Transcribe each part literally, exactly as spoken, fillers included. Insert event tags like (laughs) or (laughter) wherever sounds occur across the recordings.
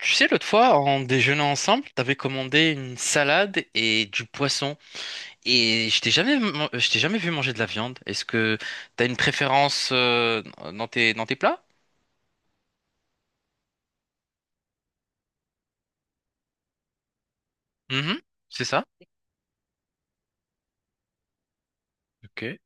Tu sais, l'autre fois, en déjeunant ensemble, t'avais commandé une salade et du poisson. Et je t'ai jamais, man- je t'ai jamais vu manger de la viande. Est-ce que t'as une préférence euh, dans tes, dans tes plats? Mhm, c'est ça? Ok.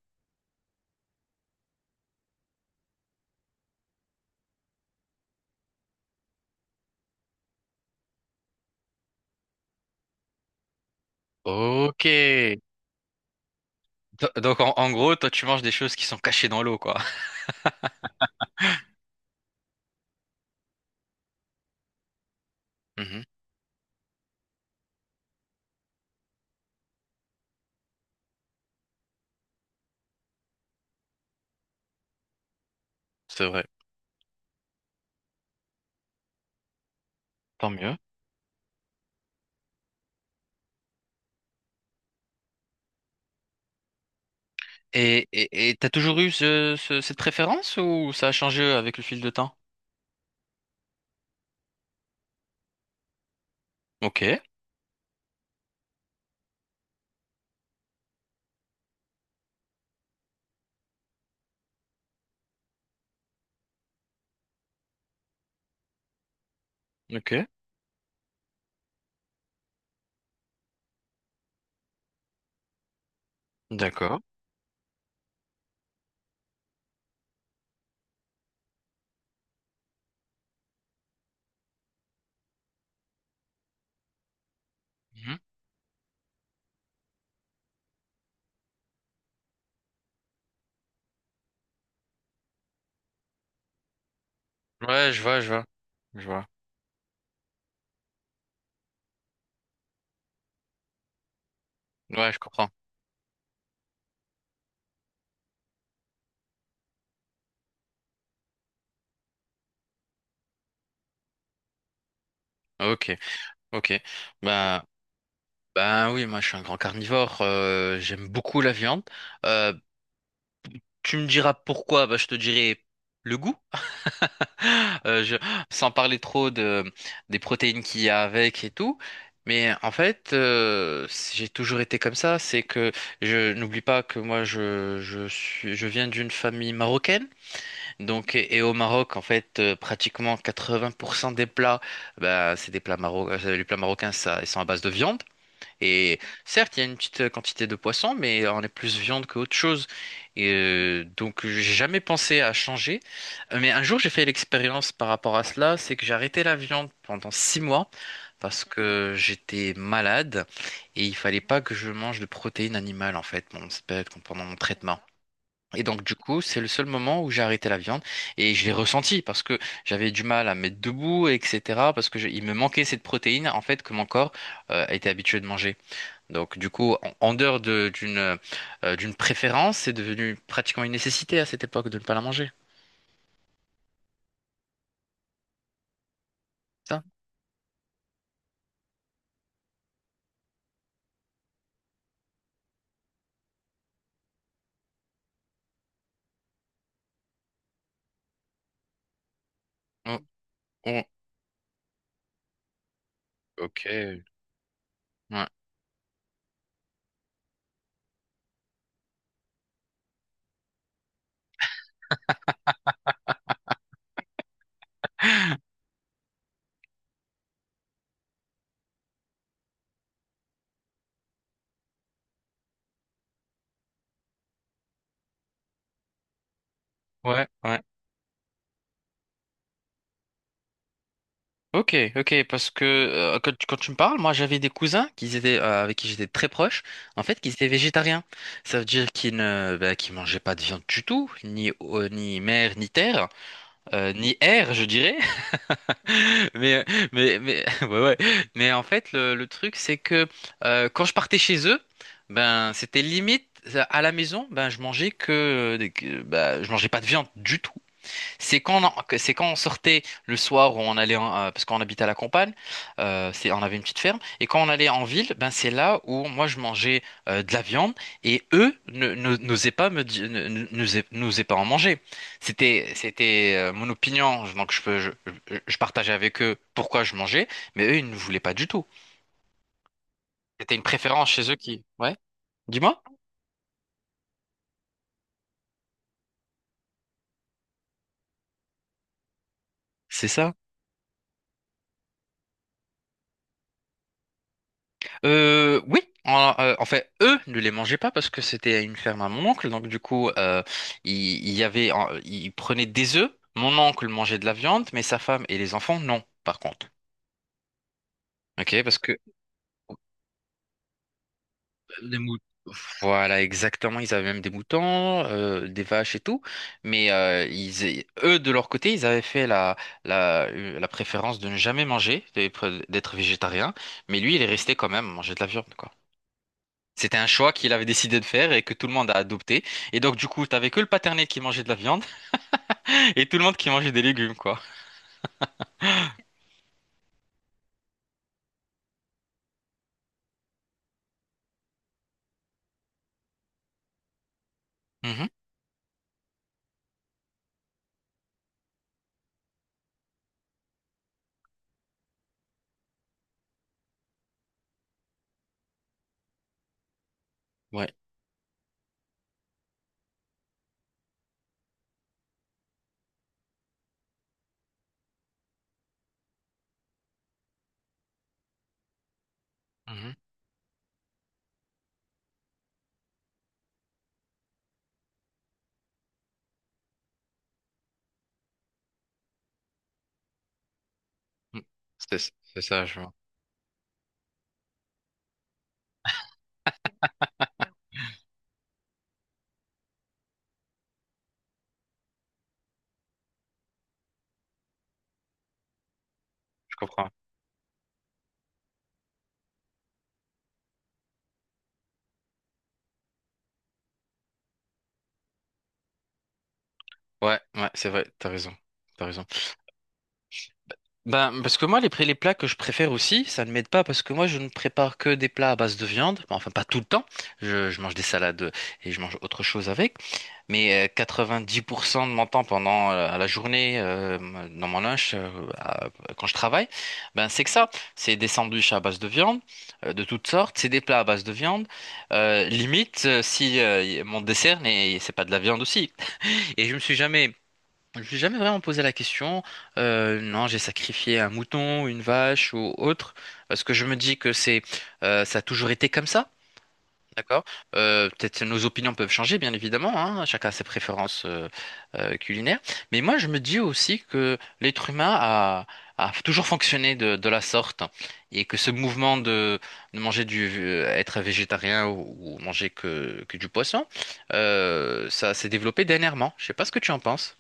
Ok. Do- Donc, en, en gros, toi, tu manges des choses qui sont cachées dans l'eau, quoi. (laughs) Mhm, c'est vrai. Tant mieux. Et, et, et t'as toujours eu ce- ce- cette préférence ou ça a changé avec le fil de temps? Ok, ok, d'accord. Mhm. Ouais, je vois, je vois, je vois. Ouais, je comprends. Ok, ok. Ben, ben oui, moi je suis un grand carnivore. Euh, j'aime beaucoup la viande. Euh, Tu me diras pourquoi, ben, je te dirai le goût. (laughs) Euh, je, Sans parler trop de, des protéines qu'il y a avec et tout. Mais en fait, euh, j'ai toujours été comme ça. C'est que je n'oublie pas que moi, je, je suis, je viens d'une famille marocaine. Donc, et, et au Maroc, en fait, euh, pratiquement quatre-vingts pour cent des plats, bah, c'est des plats marocains. Les plats marocains, ça, ils sont à base de viande. Et certes, il y a une petite euh, quantité de poisson, mais on est plus viande qu'autre chose. Et euh, donc, j'ai jamais pensé à changer. Euh, Mais un jour, j'ai fait l'expérience par rapport à cela, c'est que j'ai arrêté la viande pendant six mois parce que j'étais malade et il fallait pas que je mange de protéines animales en fait, mon spectre, pendant mon traitement. Et donc du coup, c'est le seul moment où j'ai arrêté la viande et je l'ai ressenti parce que j'avais du mal à me mettre debout, et cetera. Parce que je- il me manquait cette protéine en fait que mon corps euh, était habitué de manger. Donc du coup, en, en dehors de- d'une euh, d'une préférence, c'est devenu pratiquement une nécessité à cette époque de ne pas la manger. C'est ça? Oh, ok. Ouais, ouais, ouais. Ok, ok, parce que euh, quand, tu quand tu me parles, moi j'avais des cousins qui étaient euh, avec qui j'étais très proche, en fait, qui étaient végétariens. Ça veut dire qu'ils ne bah, qu'ils mangeaient pas de viande du tout, ni euh, ni mer, ni terre, euh, ni air, je dirais. Mais, mais, mais, (laughs) ouais, ouais. Mais en fait, le, le truc, c'est que euh, quand je partais chez eux, ben, c'était limite à la maison, ben, je mangeais que, euh, des- que- ben, je mangeais pas de viande du tout. C'est quand, on en- que- c'est quand on sortait le soir où on allait en- euh, parce qu'on habitait à la campagne, euh, c'est, on avait une petite ferme et quand on allait en ville, ben c'est là où moi je mangeais euh, de la viande et eux ne, ne- n'osaient pas me di- ne- ne- n'osaient n'osaient pas en manger. C'était c'était euh, mon opinion donc je peux je, je- je partageais avec eux pourquoi je mangeais mais eux ils ne voulaient pas du tout. C'était une préférence chez eux qui, ouais, dis-moi. C'est ça. Euh, oui, en, euh, en fait, eux ne les mangeaient pas parce que c'était à une ferme à mon oncle. Donc du coup, euh, il, il y avait, en- il prenait des œufs. Mon oncle mangeait de la viande, mais sa femme et les enfants non, par contre. Ok, parce que les mout- Voilà, exactement. Ils avaient même des moutons, euh, des vaches et tout. Mais euh, ils, a- eux, de leur côté, ils avaient fait la, la, euh, la préférence de ne jamais manger, d'être d'être végétarien. Mais lui, il est resté quand même manger de la viande, quoi. C'était un choix qu'il avait décidé de faire et que tout le monde a adopté. Et donc, du coup, t'avais que le paternel qui mangeait de la viande (laughs) et tout le monde qui mangeait des légumes, quoi. Mhm. Ouais. Mhm. Mm. C'était- C'est ça, je vois. Je comprends. Ouais, ouais, c'est vrai, t'as raison. T'as raison. Ben, parce que moi, les, pré- les plats que je préfère aussi, ça ne m'aide pas parce que moi, je ne prépare que des plats à base de viande. Bon, enfin, pas tout le temps. Je, je mange des salades et je mange autre chose avec. Mais euh, quatre-vingt-dix pour cent de mon temps pendant euh, la journée, euh, dans mon lunch, euh, à- quand je travaille, ben c'est que ça. C'est des sandwichs à base de viande, euh, de toutes sortes. C'est des plats à base de viande. Euh, limite, euh, si euh, y- mon dessert, n'est- c'est pas de la viande aussi. Et je me suis jamais je me suis jamais vraiment posé la question. Euh, non, j'ai sacrifié un mouton, une vache ou autre, parce que je me dis que c'est, euh, ça a toujours été comme ça, d'accord? Euh, peut-être que nos opinions peuvent changer, bien évidemment, hein, chacun a ses préférences euh, euh, culinaires. Mais moi, je me dis aussi que l'être humain a, a toujours fonctionné de, de la sorte et que ce mouvement de, de manger du, euh, être végétarien ou, ou manger que, que du poisson, euh, ça s'est développé dernièrement. Je sais pas ce que tu en penses.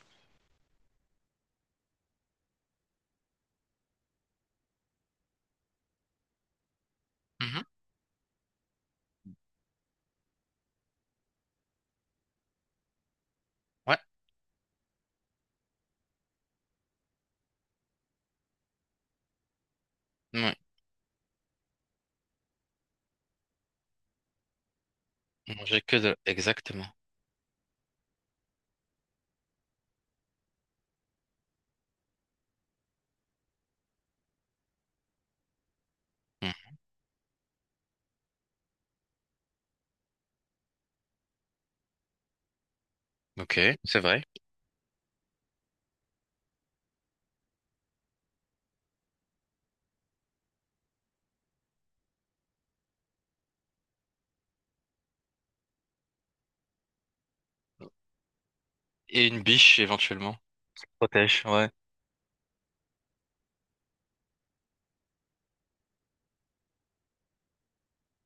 Mhm. Ouais. Ouais, manger que de... Exactement. Hmm. Ok, c'est vrai. Et une biche éventuellement. Protège, ouais.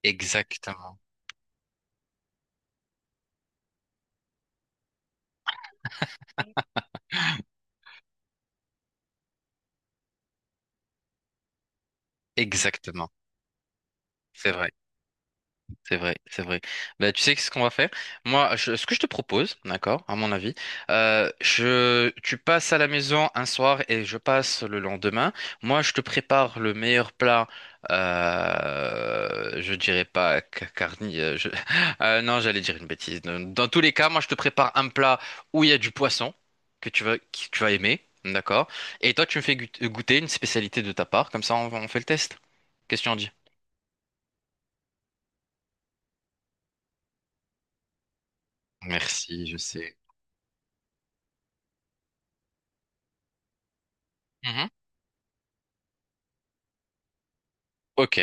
Exactement. Exactement. C'est vrai. C'est vrai, c'est vrai. Bah, tu sais ce qu'on va faire? Moi, je- ce que je te propose, d'accord, à mon avis, euh, je, tu passes à la maison un soir et je passe le lendemain. Moi, je te prépare le meilleur plat. Euh, je dirais pas ca- carni. Euh, je- (laughs) euh, non, j'allais dire une bêtise. Dans, dans tous les cas, moi, je te prépare un plat où il y a du poisson que tu vas, que tu vas aimer, d'accord? Et toi, tu me fais gut- goûter une spécialité de ta part. Comme ça, on, on fait le test. Question dit. Merci, je sais. Mhm. Ok.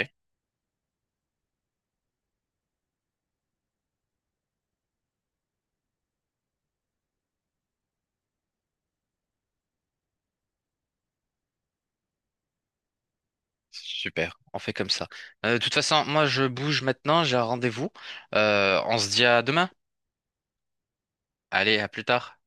Super, on fait comme ça. Euh, de toute façon, moi je bouge maintenant, j'ai un rendez-vous. Euh, on se dit à demain. Allez, à plus tard.